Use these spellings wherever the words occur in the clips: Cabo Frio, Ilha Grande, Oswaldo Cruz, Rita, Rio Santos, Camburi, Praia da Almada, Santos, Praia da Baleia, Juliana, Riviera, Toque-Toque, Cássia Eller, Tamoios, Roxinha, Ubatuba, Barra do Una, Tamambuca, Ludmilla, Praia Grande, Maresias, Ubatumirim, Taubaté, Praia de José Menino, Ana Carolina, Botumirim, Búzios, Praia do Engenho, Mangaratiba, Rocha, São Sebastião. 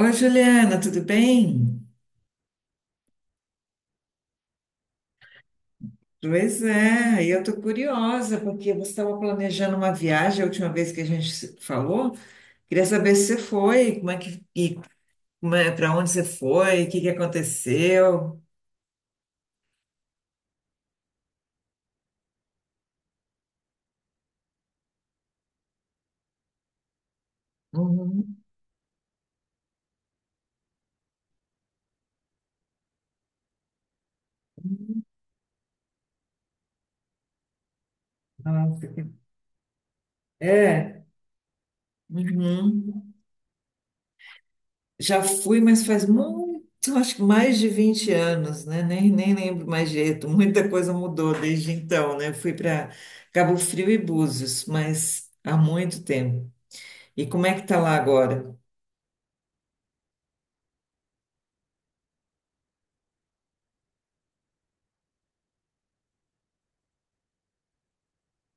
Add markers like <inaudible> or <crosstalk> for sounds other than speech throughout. Oi, Juliana, tudo bem? Pois é, e eu tô curiosa, porque você estava planejando uma viagem a última vez que a gente se falou. Queria saber se você foi, como é, para onde você foi, o que que aconteceu. Uhum. Nossa, que- É. Uhum. Já fui, mas faz muito, acho que mais de 20 anos, né? Nem lembro mais jeito. <laughs> Muita coisa mudou desde então, né? Eu fui para Cabo Frio e Búzios, mas há muito tempo. E como é que tá lá agora?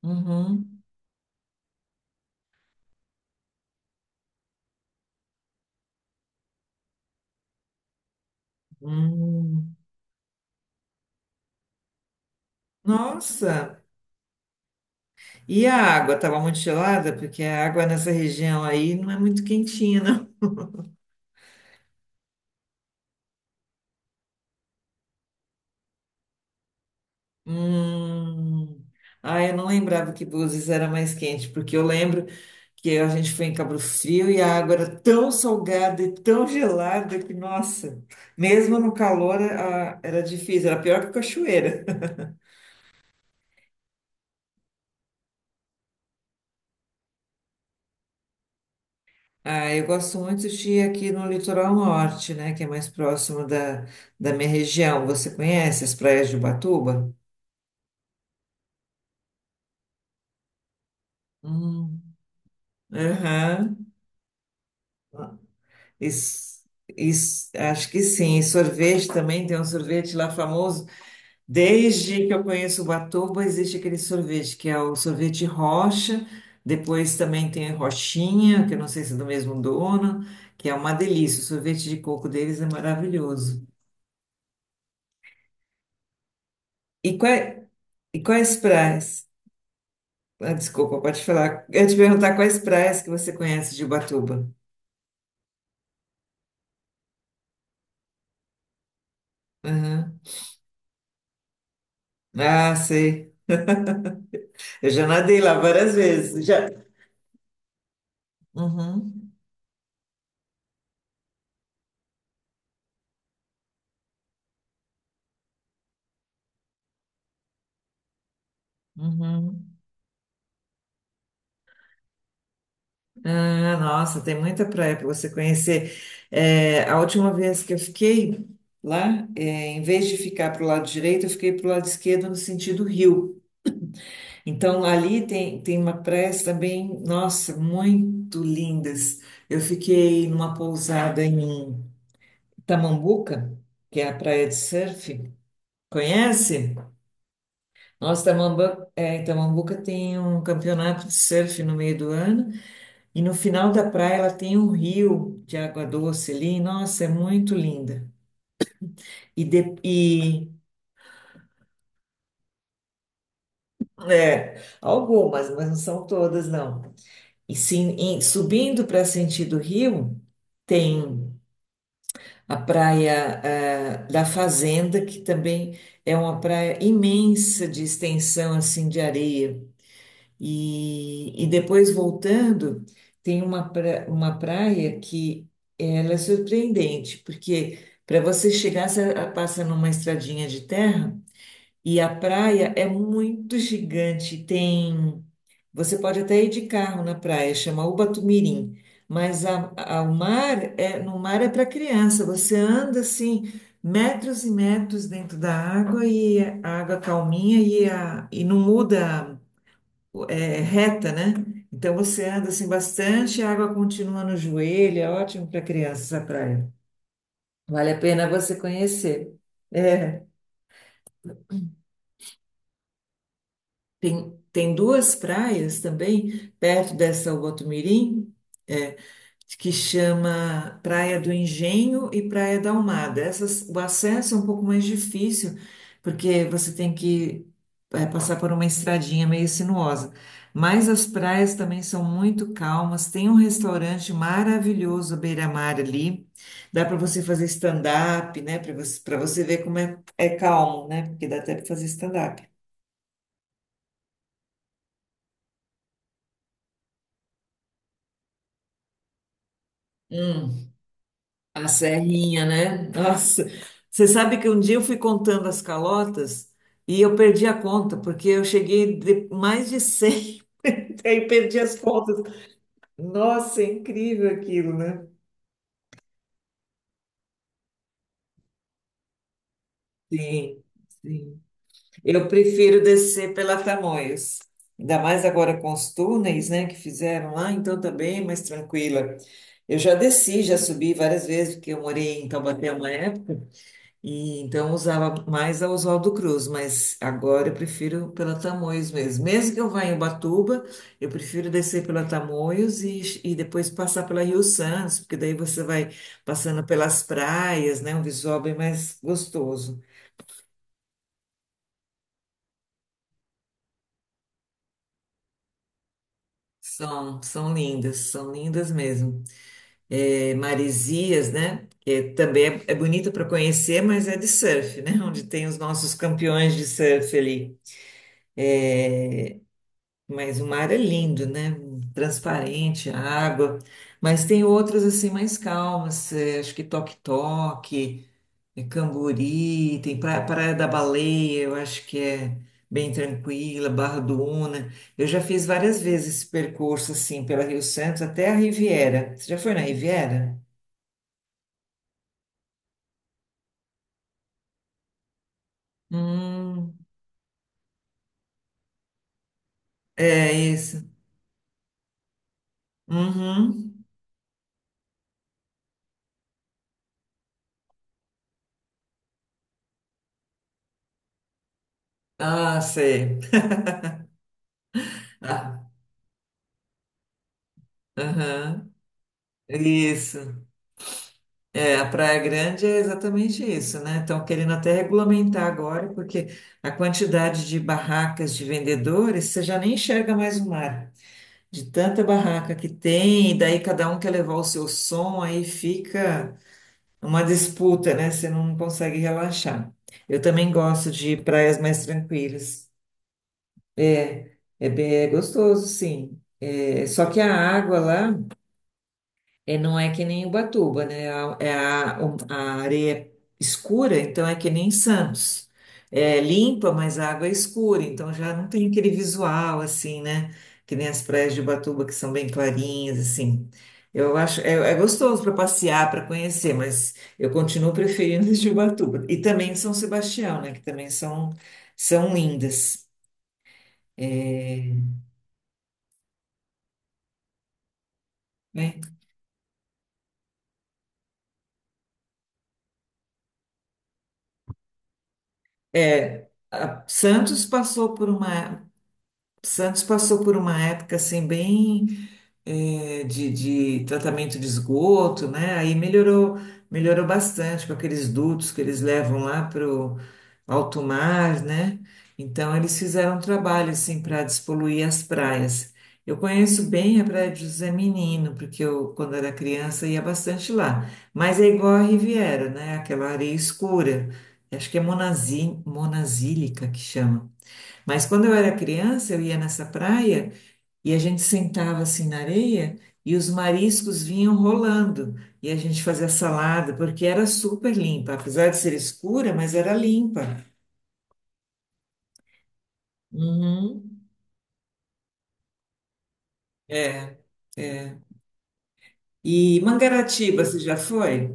Uhum. Hum, nossa! E a água estava muito gelada? Porque a água nessa região aí não é muito quentinha, não. Hum. Ah, eu não lembrava que Búzios era mais quente, porque eu lembro que a gente foi em Cabo Frio e a água era tão salgada e tão gelada que, nossa, mesmo no calor era difícil, era pior que cachoeira. Ah, eu gosto muito de ir aqui no litoral norte, né, que é mais próximo da minha região. Você conhece as praias de Ubatuba? Hum, aham. Isso, isso, acho que sim. E sorvete também, tem um sorvete lá famoso. Desde que eu conheço Ubatuba, existe aquele sorvete, que é o sorvete Rocha. Depois também tem Roxinha, que eu não sei se é do mesmo dono, que é uma delícia. O sorvete de coco deles é maravilhoso. E, qua- e quais praias? Ah, desculpa, pode falar. Eu ia te perguntar quais praias que você conhece de Ubatuba. Aham. Ah, sei. Eu já nadei lá várias vezes. Já. Uhum, uhum. Ah, nossa, tem muita praia para você conhecer. É, a última vez que eu fiquei lá, é, em vez de ficar para o lado direito, eu fiquei para o lado esquerdo no sentido rio. Então, ali tem uma praia também, nossa, muito lindas. Eu fiquei numa pousada em Tamambuca, que é a praia de surf. Conhece? Nossa, Tamamba, é, em Tamambuca tem um campeonato de surf no meio do ano e no final da praia ela tem um rio de água doce ali. Nossa, é muito linda. E, de, e é, algumas, mas não são todas, não. E sim, subindo para sentido rio, tem a praia da Fazenda, que também é uma praia imensa de extensão assim de areia. E depois voltando, uma praia que ela é surpreendente, porque para você chegar, você passa numa estradinha de terra e a praia é muito gigante. Tem, você pode até ir de carro na praia, chama Ubatumirim, mas o mar é, no mar é para criança. Você anda assim metros e metros dentro da água e a água calminha e não muda é, reta, né? Então você anda assim bastante, a água continua no joelho, é ótimo para crianças a praia. Vale a pena você conhecer. É, tem duas praias também perto dessa Botumirim, que chama Praia do Engenho e Praia da Almada. Essas, o acesso é um pouco mais difícil, porque você tem que é, passar por uma estradinha meio sinuosa. Mas as praias também são muito calmas. Tem um restaurante maravilhoso à beira-mar ali. Dá para você fazer stand-up, né? Para você ver como é, é calmo, né? Porque dá até para fazer stand-up. A serrinha, né? Nossa, você sabe que um dia eu fui contando as calotas e eu perdi a conta, porque eu cheguei de mais de 100 <laughs> aí eu perdi as contas. Nossa, é incrível aquilo, né? Sim, sim. Eu prefiro descer pela Tamoios, ainda mais agora com os túneis, né, que fizeram lá, então tá bem mais tranquila. Eu já desci, já subi várias vezes, porque eu morei em Taubaté uma época. E então eu usava mais a Oswaldo Cruz, mas agora eu prefiro pela Tamoios mesmo. Mesmo que eu vá em Ubatuba, eu prefiro descer pela Tamoios e depois passar pela Rio Santos, porque daí você vai passando pelas praias, né? Um visual bem mais gostoso. São, são lindas mesmo. É, Maresias, né? Que também é, é bonita para conhecer, mas é de surf, né? <laughs> Onde tem os nossos campeões de surf ali. É, mas o mar é lindo, né? Transparente, a água. Mas tem outras assim mais calmas. Eh, acho que Toque-Toque, Camburi, Praia da Baleia, eu acho que é bem tranquila, Barra do Una. Eu já fiz várias vezes esse percurso assim pela Rio Santos até a Riviera. Você já foi na Riviera? Hum, é isso. Uhum. Ah, sei. Ah, aham. Isso. É, a Praia Grande é exatamente isso, né? Estão querendo até regulamentar agora, porque a quantidade de barracas de vendedores, você já nem enxerga mais o mar, de tanta barraca que tem, e daí cada um quer levar o seu som, aí fica uma disputa, né? Você não consegue relaxar. Eu também gosto de praias mais tranquilas. É é bem gostoso, sim. É, só que a água lá é, não é que nem Ubatuba, né? A areia é escura, então é que nem Santos. É limpa, mas a água é escura, então já não tem aquele visual assim, né? Que nem as praias de Ubatuba, que são bem clarinhas, assim. Eu acho, é, é gostoso para passear, para conhecer, mas eu continuo <laughs> preferindo as de Ubatuba. E também São Sebastião, né? Que também são, são lindas. É, né? É, Santos passou por uma, Santos passou por uma época assim bem de tratamento de esgoto, né? Aí melhorou, melhorou bastante com aqueles dutos que eles levam lá para o alto mar, né? Então eles fizeram um trabalho assim para despoluir as praias. Eu conheço bem a Praia de José Menino, porque eu, quando era criança, ia bastante lá. Mas é igual a Riviera, né? Aquela areia escura. Acho que é monazí, monazílica que chama. Mas quando eu era criança, eu ia nessa praia e a gente sentava assim na areia e os mariscos vinham rolando e a gente fazia salada, porque era super limpa, apesar de ser escura, mas era limpa. Uhum. É, é. E Mangaratiba, você já foi?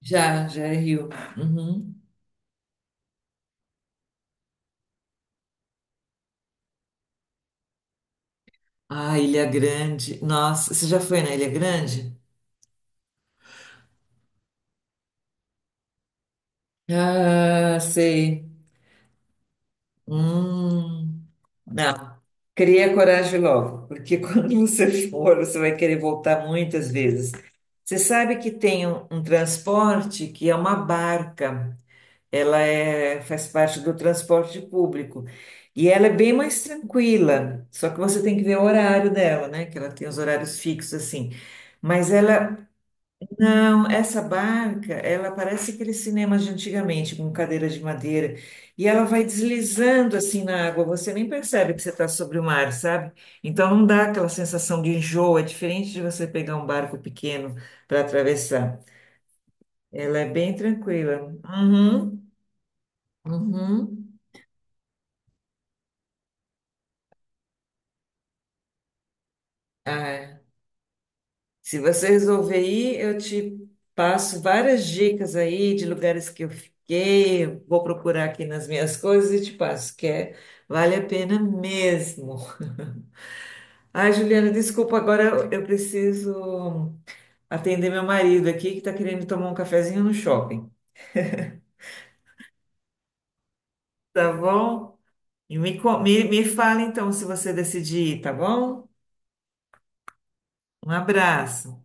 Já, já é Rio. Uhum. Ah, Ilha Grande. Nossa, você já foi na Ilha Grande? Ah, sei. Hum. Não, cria coragem logo, porque <laughs> quando você for, você vai querer voltar muitas vezes. Você sabe que tem um transporte que é uma barca, ela é, faz parte do transporte público e ela é bem mais tranquila, só que você tem que ver o horário dela, né? Que ela tem os horários fixos assim. Mas ela não, essa barca, ela parece aqueles cinemas de antigamente, com cadeira de madeira, e ela vai deslizando assim na água, você nem percebe que você está sobre o mar, sabe? Então não dá aquela sensação de enjoo, é diferente de você pegar um barco pequeno para atravessar. Ela é bem tranquila. Uhum, uhum. Ah, se você resolver ir, eu te passo várias dicas aí de lugares que eu fiquei. Vou procurar aqui nas minhas coisas e te passo, que é, vale a pena mesmo. <laughs> Ai, Juliana, desculpa, agora eu preciso atender meu marido aqui que está querendo tomar um cafezinho no shopping. Tá bom? E me fala então se você decidir, tá bom? Um abraço.